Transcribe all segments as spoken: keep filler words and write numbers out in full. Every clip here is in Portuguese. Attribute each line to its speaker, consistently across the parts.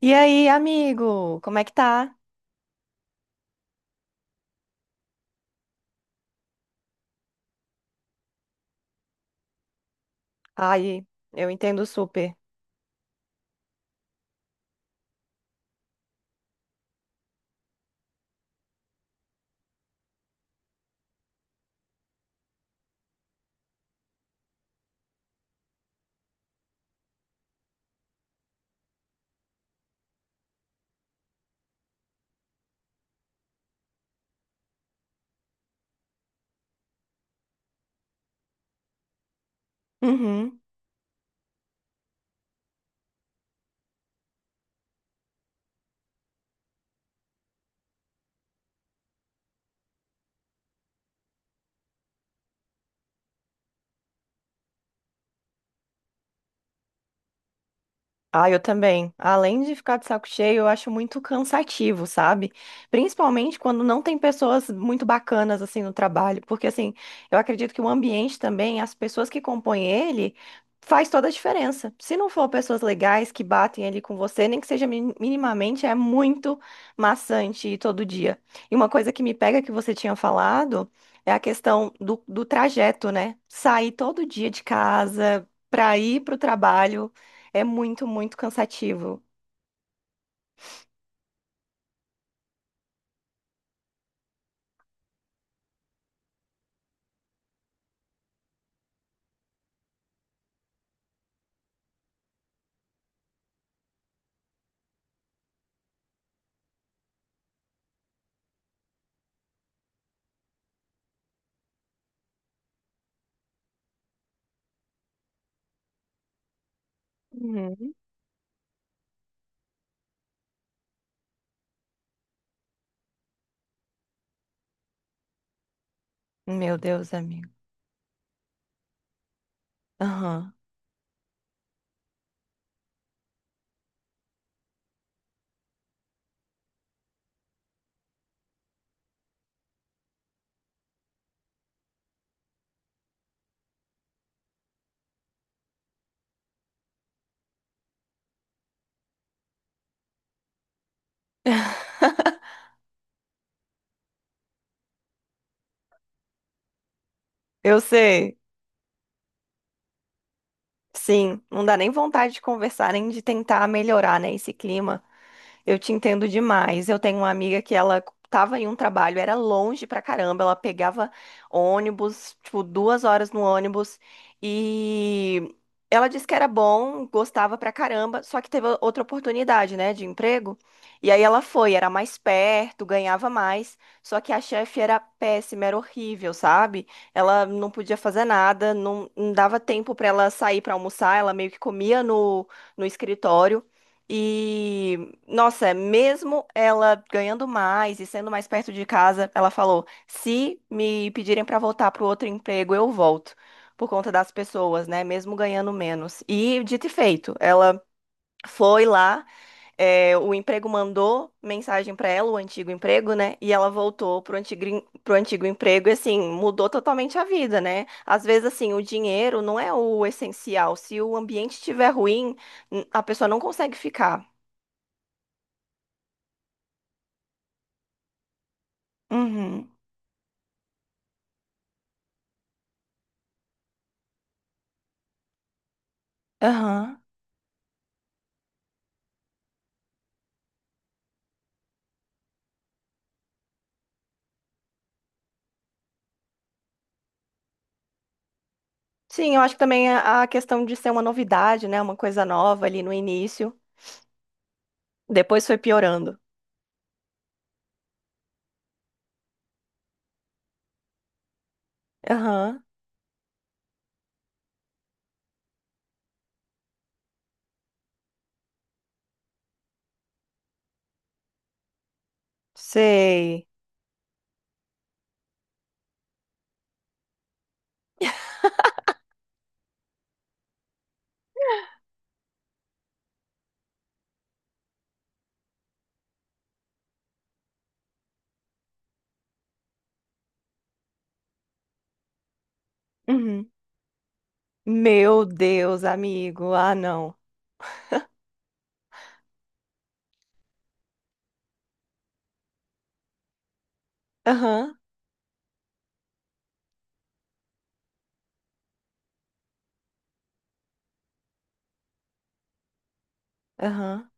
Speaker 1: E aí, amigo, como é que tá? Ai, eu entendo super. Uhum. Ah, eu também. Além de ficar de saco cheio, eu acho muito cansativo, sabe? Principalmente quando não tem pessoas muito bacanas assim no trabalho, porque assim, eu acredito que o ambiente também, as pessoas que compõem ele, faz toda a diferença. Se não for pessoas legais que batem ali com você, nem que seja mi- minimamente, é muito maçante ir todo dia. E uma coisa que me pega que você tinha falado é a questão do, do trajeto, né? Sair todo dia de casa para ir para o trabalho, é muito, muito cansativo. Uhum. Meu Deus, amigo. Aham. Eu sei. Sim, não dá nem vontade de conversar, nem de tentar melhorar, né, esse clima. Eu te entendo demais. Eu tenho uma amiga que ela tava em um trabalho, era longe pra caramba, ela pegava ônibus, tipo, duas horas no ônibus, e ela disse que era bom, gostava pra caramba, só que teve outra oportunidade, né, de emprego, e aí ela foi, era mais perto, ganhava mais, só que a chefe era péssima, era horrível, sabe? Ela não podia fazer nada, não, não dava tempo pra ela sair pra almoçar, ela meio que comia no, no escritório, e nossa, mesmo ela ganhando mais e sendo mais perto de casa, ela falou: se me pedirem para voltar para o outro emprego, eu volto. Por conta das pessoas, né? Mesmo ganhando menos. E dito e feito, ela foi lá, eh, o emprego mandou mensagem para ela, o antigo emprego, né? E ela voltou pro antigo, em- pro antigo emprego e, assim, mudou totalmente a vida, né? Às vezes, assim, o dinheiro não é o essencial. Se o ambiente estiver ruim, n- a pessoa não consegue ficar. Uhum. Aham. Sim, eu acho que também a a questão de ser uma novidade, né? Uma coisa nova ali no início. Depois foi piorando. Aham. Sei. Uhum. Meu Deus, amigo. Ah, não. Aham. Aham.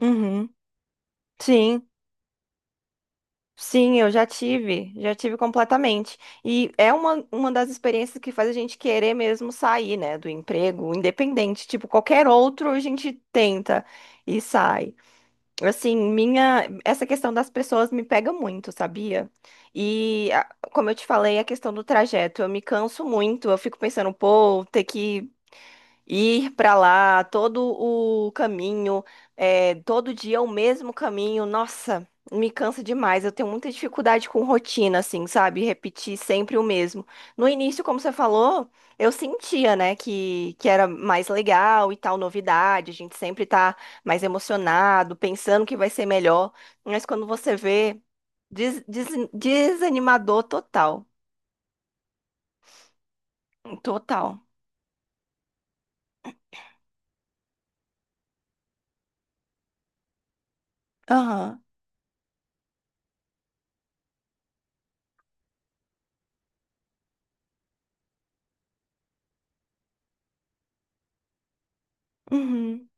Speaker 1: Uhum. Sim. Sim, eu já tive. Já tive completamente. E é uma, uma das experiências que faz a gente querer mesmo sair, né? Do emprego, independente. Tipo, qualquer outro a gente tenta e sai. Assim, minha, essa questão das pessoas me pega muito, sabia? E, a- Como eu te falei, a questão do trajeto, eu me canso muito, eu fico pensando, pô, ter que ir para lá, todo o caminho, é, todo dia é o mesmo caminho, nossa, me cansa demais. Eu tenho muita dificuldade com rotina, assim, sabe? Repetir sempre o mesmo. No início, como você falou, eu sentia, né, que, que era mais legal e tal, novidade, a gente sempre tá mais emocionado, pensando que vai ser melhor, mas quando você vê, des- des- desanimador total, total. Aham. Uhum.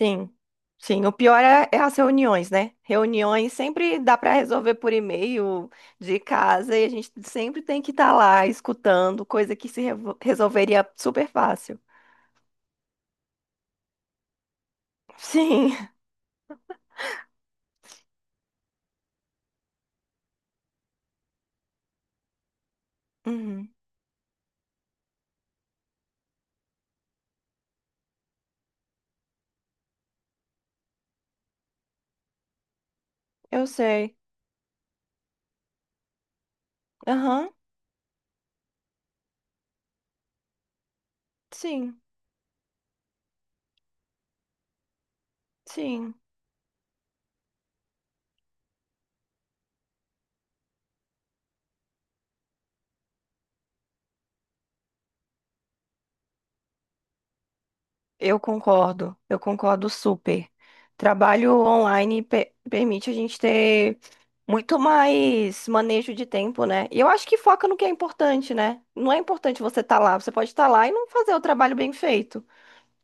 Speaker 1: Sim, sim. O pior é, é as reuniões, né? Reuniões sempre dá para resolver por e-mail de casa e a gente sempre tem que estar lá escutando, coisa que se revo- resolveria super fácil. Sim, Uhum. Eu sei. Aham, sim, sim. Eu concordo, eu concordo super. Trabalho online pe- permite a gente ter muito mais manejo de tempo, né? E eu acho que foca no que é importante, né? Não é importante você estar lá, você pode estar lá e não fazer o trabalho bem feito.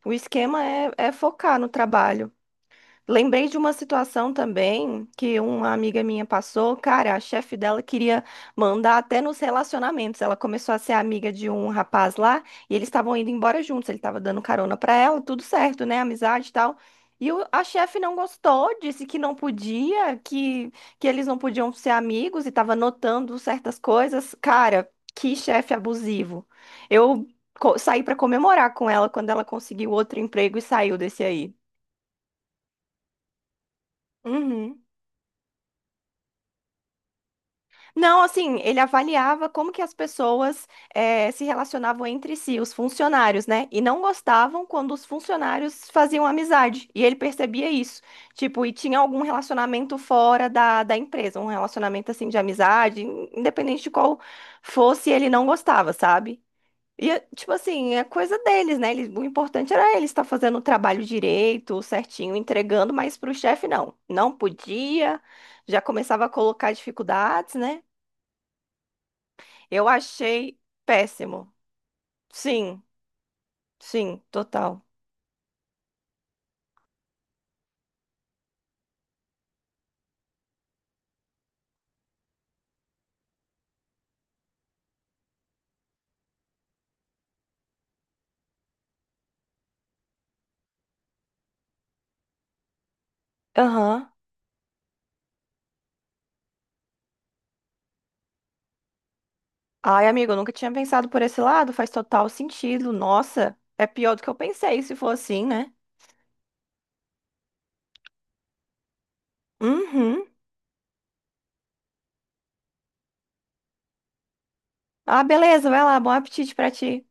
Speaker 1: O esquema é, é focar no trabalho. Lembrei de uma situação também que uma amiga minha passou. Cara, a chefe dela queria mandar até nos relacionamentos. Ela começou a ser amiga de um rapaz lá e eles estavam indo embora juntos. Ele estava dando carona para ela, tudo certo, né? Amizade e tal. E o- a chefe não gostou, disse que não podia, que, que eles não podiam ser amigos e estava notando certas coisas. Cara, que chefe abusivo. Eu co- saí para comemorar com ela quando ela conseguiu outro emprego e saiu desse aí. Uhum. Não, assim, ele avaliava como que as pessoas eh, se relacionavam entre si, os funcionários, né? E não gostavam quando os funcionários faziam amizade. E ele percebia isso. Tipo, e tinha algum relacionamento fora da, da empresa, um relacionamento assim de amizade, in- independente de qual fosse, ele não gostava, sabe? E, eh, tipo assim, é coisa deles, né? Eles- o importante era ele estar fazendo o trabalho direito, certinho, entregando, mas pro chefe não. Não podia, já começava a colocar dificuldades, né? Eu achei péssimo. Sim, sim, total. Aham. Ai, amigo, eu nunca tinha pensado por esse lado, faz total sentido. Nossa, é pior do que eu pensei se for assim, né? Uhum. Ah, beleza, vai lá, bom apetite pra ti.